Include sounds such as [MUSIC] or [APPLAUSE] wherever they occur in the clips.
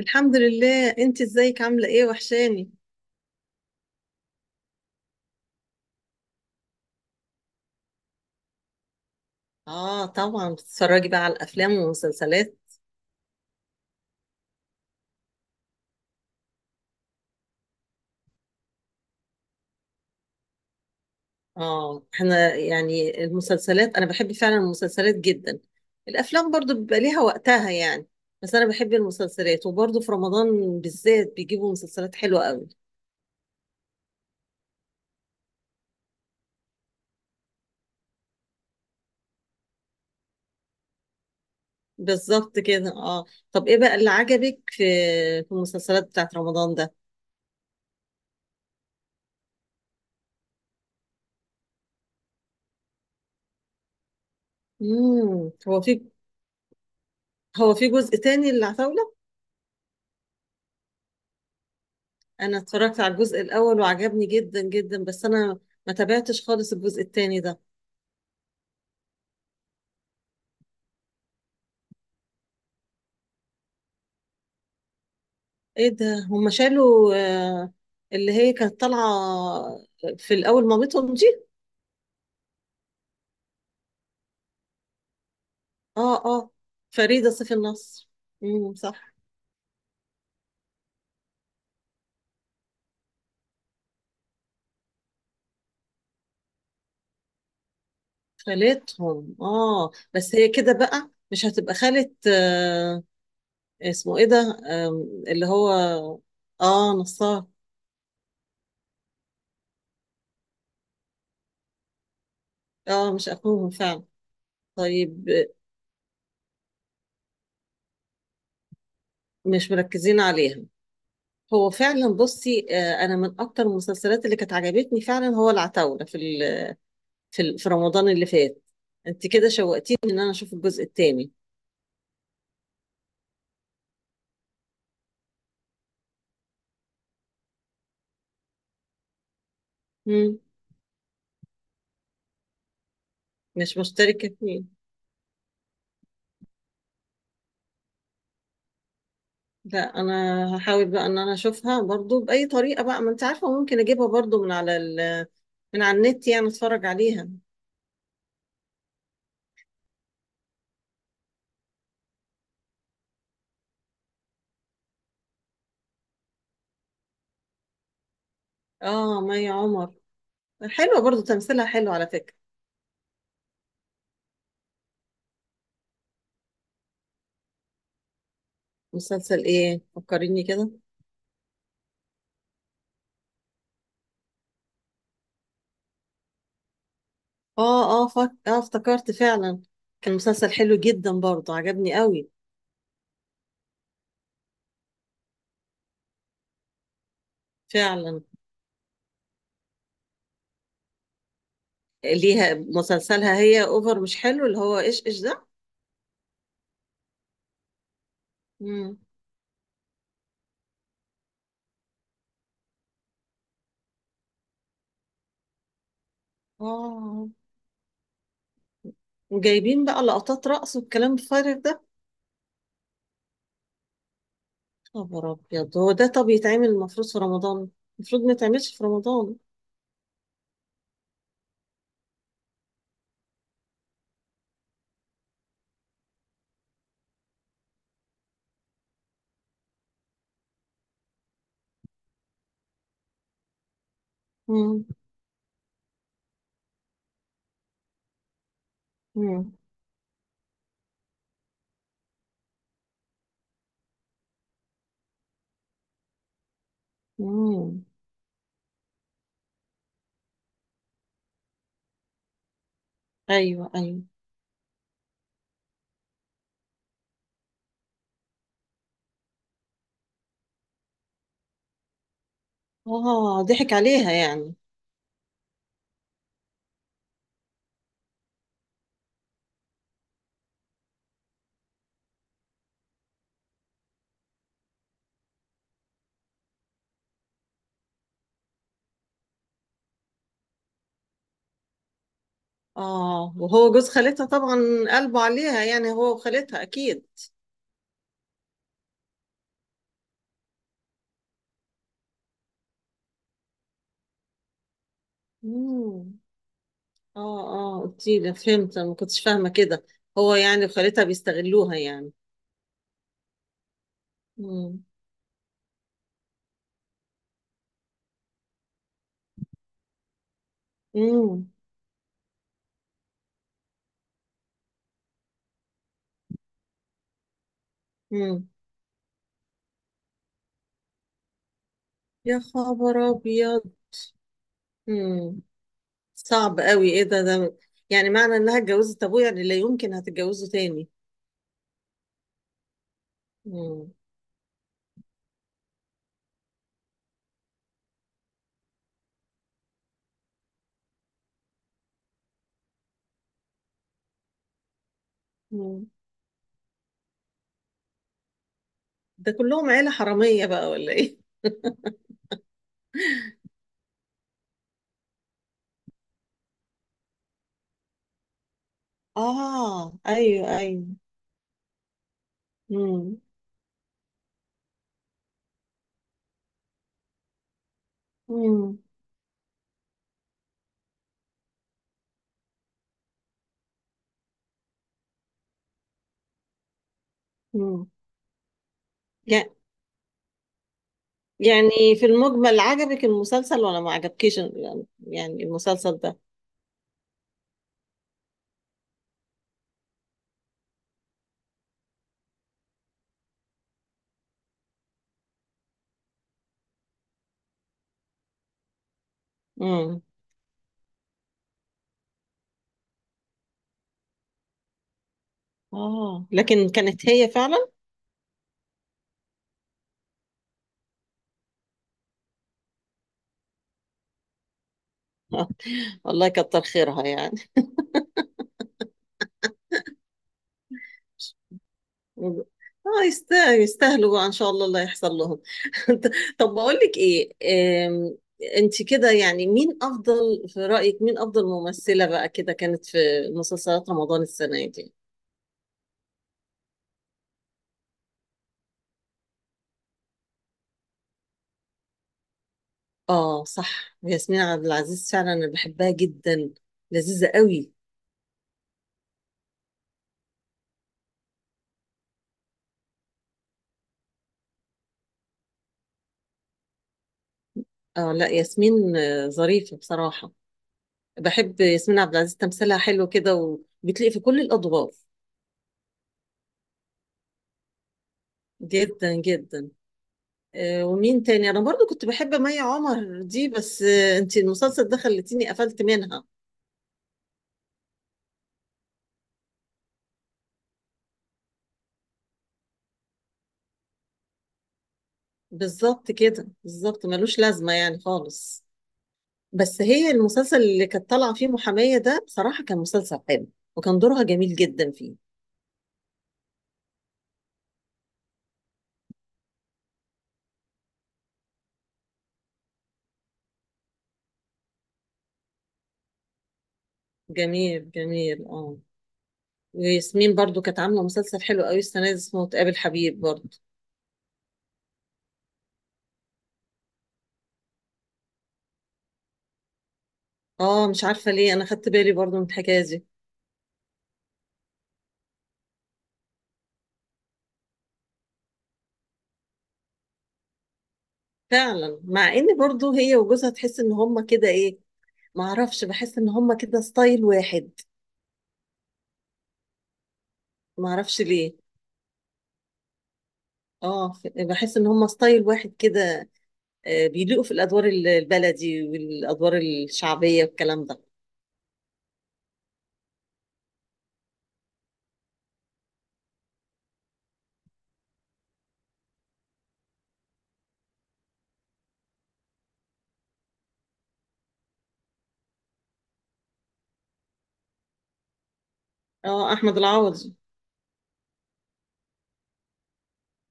الحمد لله، انت ازيك؟ عامله ايه؟ وحشاني. اه، طبعا بتتفرجي بقى على الافلام والمسلسلات. اه، احنا يعني المسلسلات، انا بحب فعلا المسلسلات جدا. الافلام برضو بيبقى ليها وقتها يعني. بس انا بحب المسلسلات، وبرضو في رمضان بالذات بيجيبوا مسلسلات حلوه قوي. بالظبط كده، اه. طب ايه بقى اللي عجبك في المسلسلات بتاعت رمضان ده؟ هو في. هو في جزء تاني للعتاولة؟ انا اتفرجت على الجزء الاول وعجبني جدا جدا، بس انا ما تابعتش خالص الجزء التاني ده. ايه ده، هم شالوا؟ آه، اللي هي كانت طالعه في الاول مامتهم دي؟ اه اه. فريده سيف النصر. امم، صح. خالتهم، اه، بس هي كده بقى مش هتبقى خالة، آه. اسمه ايه ده؟ آه، اللي هو، اه نصار. اه، مش اخوهم فعلا. طيب، مش مركزين عليها. هو فعلا، بصي، انا من اكتر المسلسلات اللي كانت عجبتني فعلا هو العتاولة في رمضان اللي فات. انت كده شوقتيني ان انا اشوف الجزء الثاني. مم. مش مشتركة فيه. لا، انا هحاول بقى ان انا اشوفها برضو باي طريقة بقى، ما انت عارفة، ممكن اجيبها برضو من على النت يعني، اتفرج عليها. اه، مي عمر. حلوة، برضو تمثيلها حلو على فكرة. مسلسل ايه؟ فكريني كده. اه اه، افتكرت فعلا. كان مسلسل حلو جدا برضو، عجبني قوي. فعلا. ليها مسلسلها هي اوفر، مش حلو، اللي هو ايش ايش ده. مم. اه، وجايبين بقى لقطات رقص والكلام الفارغ ده. خبر ابيض، هو ده طب يتعمل المفروض في رمضان؟ المفروض ما يتعملش في رمضان. مم. مم. مم. ايوه، ايوه. اه، ضحك عليها يعني. اه، وهو جوز خالتها طبعا قلبه عليها يعني، هو وخالتها اكيد. مم. اه اه، قلتيلي، فهمت. أنا ما كنتش فاهمه كده. هو يعني وخالتها بيستغلوها يعني. مم. امم. امم. يا خبر ابيض. امم. صعب قوي. ايه ده يعني معنى انها اتجوزت ابوه، يعني لا يمكن هتتجوزه تاني. امم. امم. ده كلهم عيلة حرامية بقى ولا ايه؟ اه، ايوه ايوه. امم. امم. امم. يع- يعني في المجمل عجبك المسلسل ولا ما عجبكيش يعني المسلسل ده؟ امم. اه، لكن كانت هي فعلا. [LAUGHS] والله كتر خيرها يعني. اه، يستاهلوا بقى ان شاء الله اللي هيحصل لهم. [LAUGHS] طب بقول لك ايه؟ آم، انت كده يعني، مين افضل في رأيك؟ مين افضل ممثلة بقى كده كانت في مسلسلات رمضان السنة دي؟ اه صح، ياسمين عبد العزيز فعلا انا بحبها جدا، لذيذة قوي. اه، لا، ياسمين ظريفة بصراحة. بحب ياسمين عبد العزيز، تمثيلها حلو كده، وبتلاقي في كل الادوار. جدا جدا. ومين تاني؟ انا برضو كنت بحب مي عمر دي، بس، انتي المسلسل ده خلتيني قفلت منها. بالظبط كده، بالظبط، ملوش لازمة يعني خالص. بس هي المسلسل اللي كانت طالعة فيه محامية ده، بصراحة كان مسلسل حلو، وكان دورها جميل جدا فيه. جميل جميل، اه. وياسمين برضو كانت عاملة مسلسل حلو قوي السنة دي، اسمه تقابل حبيب، برضو. اه، مش عارفة ليه، انا خدت بالي برضو من الحكاية دي. فعلا، مع ان برضو هي وجوزها تحس ان هما كده، ايه، معرفش، بحس ان هما كده ستايل واحد، ما اعرفش ليه. اه، بحس ان هم ستايل واحد كده. بيليقوا في الادوار البلدي والادوار الشعبيه والكلام ده. اه، احمد العوضي.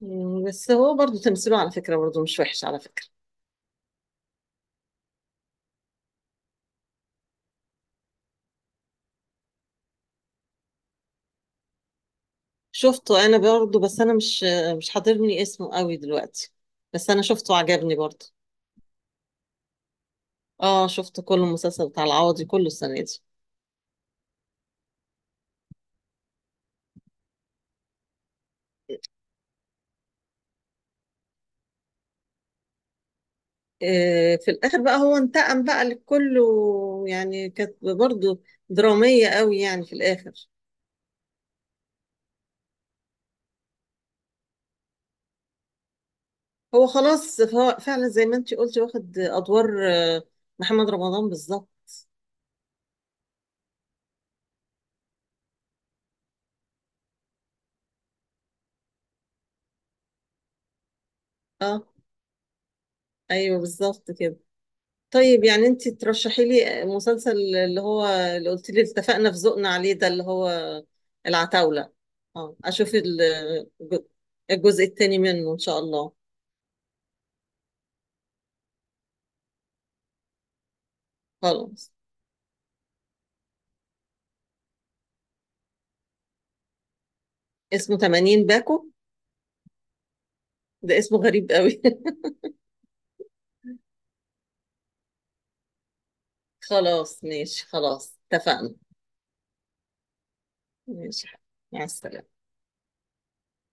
بس هو برضو تمثيله على فكره، برضو مش وحش على فكره. شفته انا برضو، بس انا مش حاضرني اسمه قوي دلوقتي، بس انا شفته، عجبني برضو. اه، شفت كل المسلسل بتاع العوضي كله السنه دي. في الاخر بقى هو انتقم بقى لكله، يعني كانت برضو دراميه قوي يعني في الاخر. هو خلاص، فعلا زي ما انتي قلتي، واخد ادوار، محمد رمضان بالظبط. اه ايوه، بالظبط كده. طيب، يعني انتي ترشحي لي مسلسل، اللي هو اللي قلت لي اتفقنا في ذوقنا عليه، ده اللي هو. العتاولة. اه، اشوف الج- الجزء الثاني منه ان شاء الله. خلاص. اسمه 80 باكو. ده اسمه غريب قوي. [LAUGHS] خلاص، ماشي، خلاص، اتفقنا. ماشي، مع السلامة.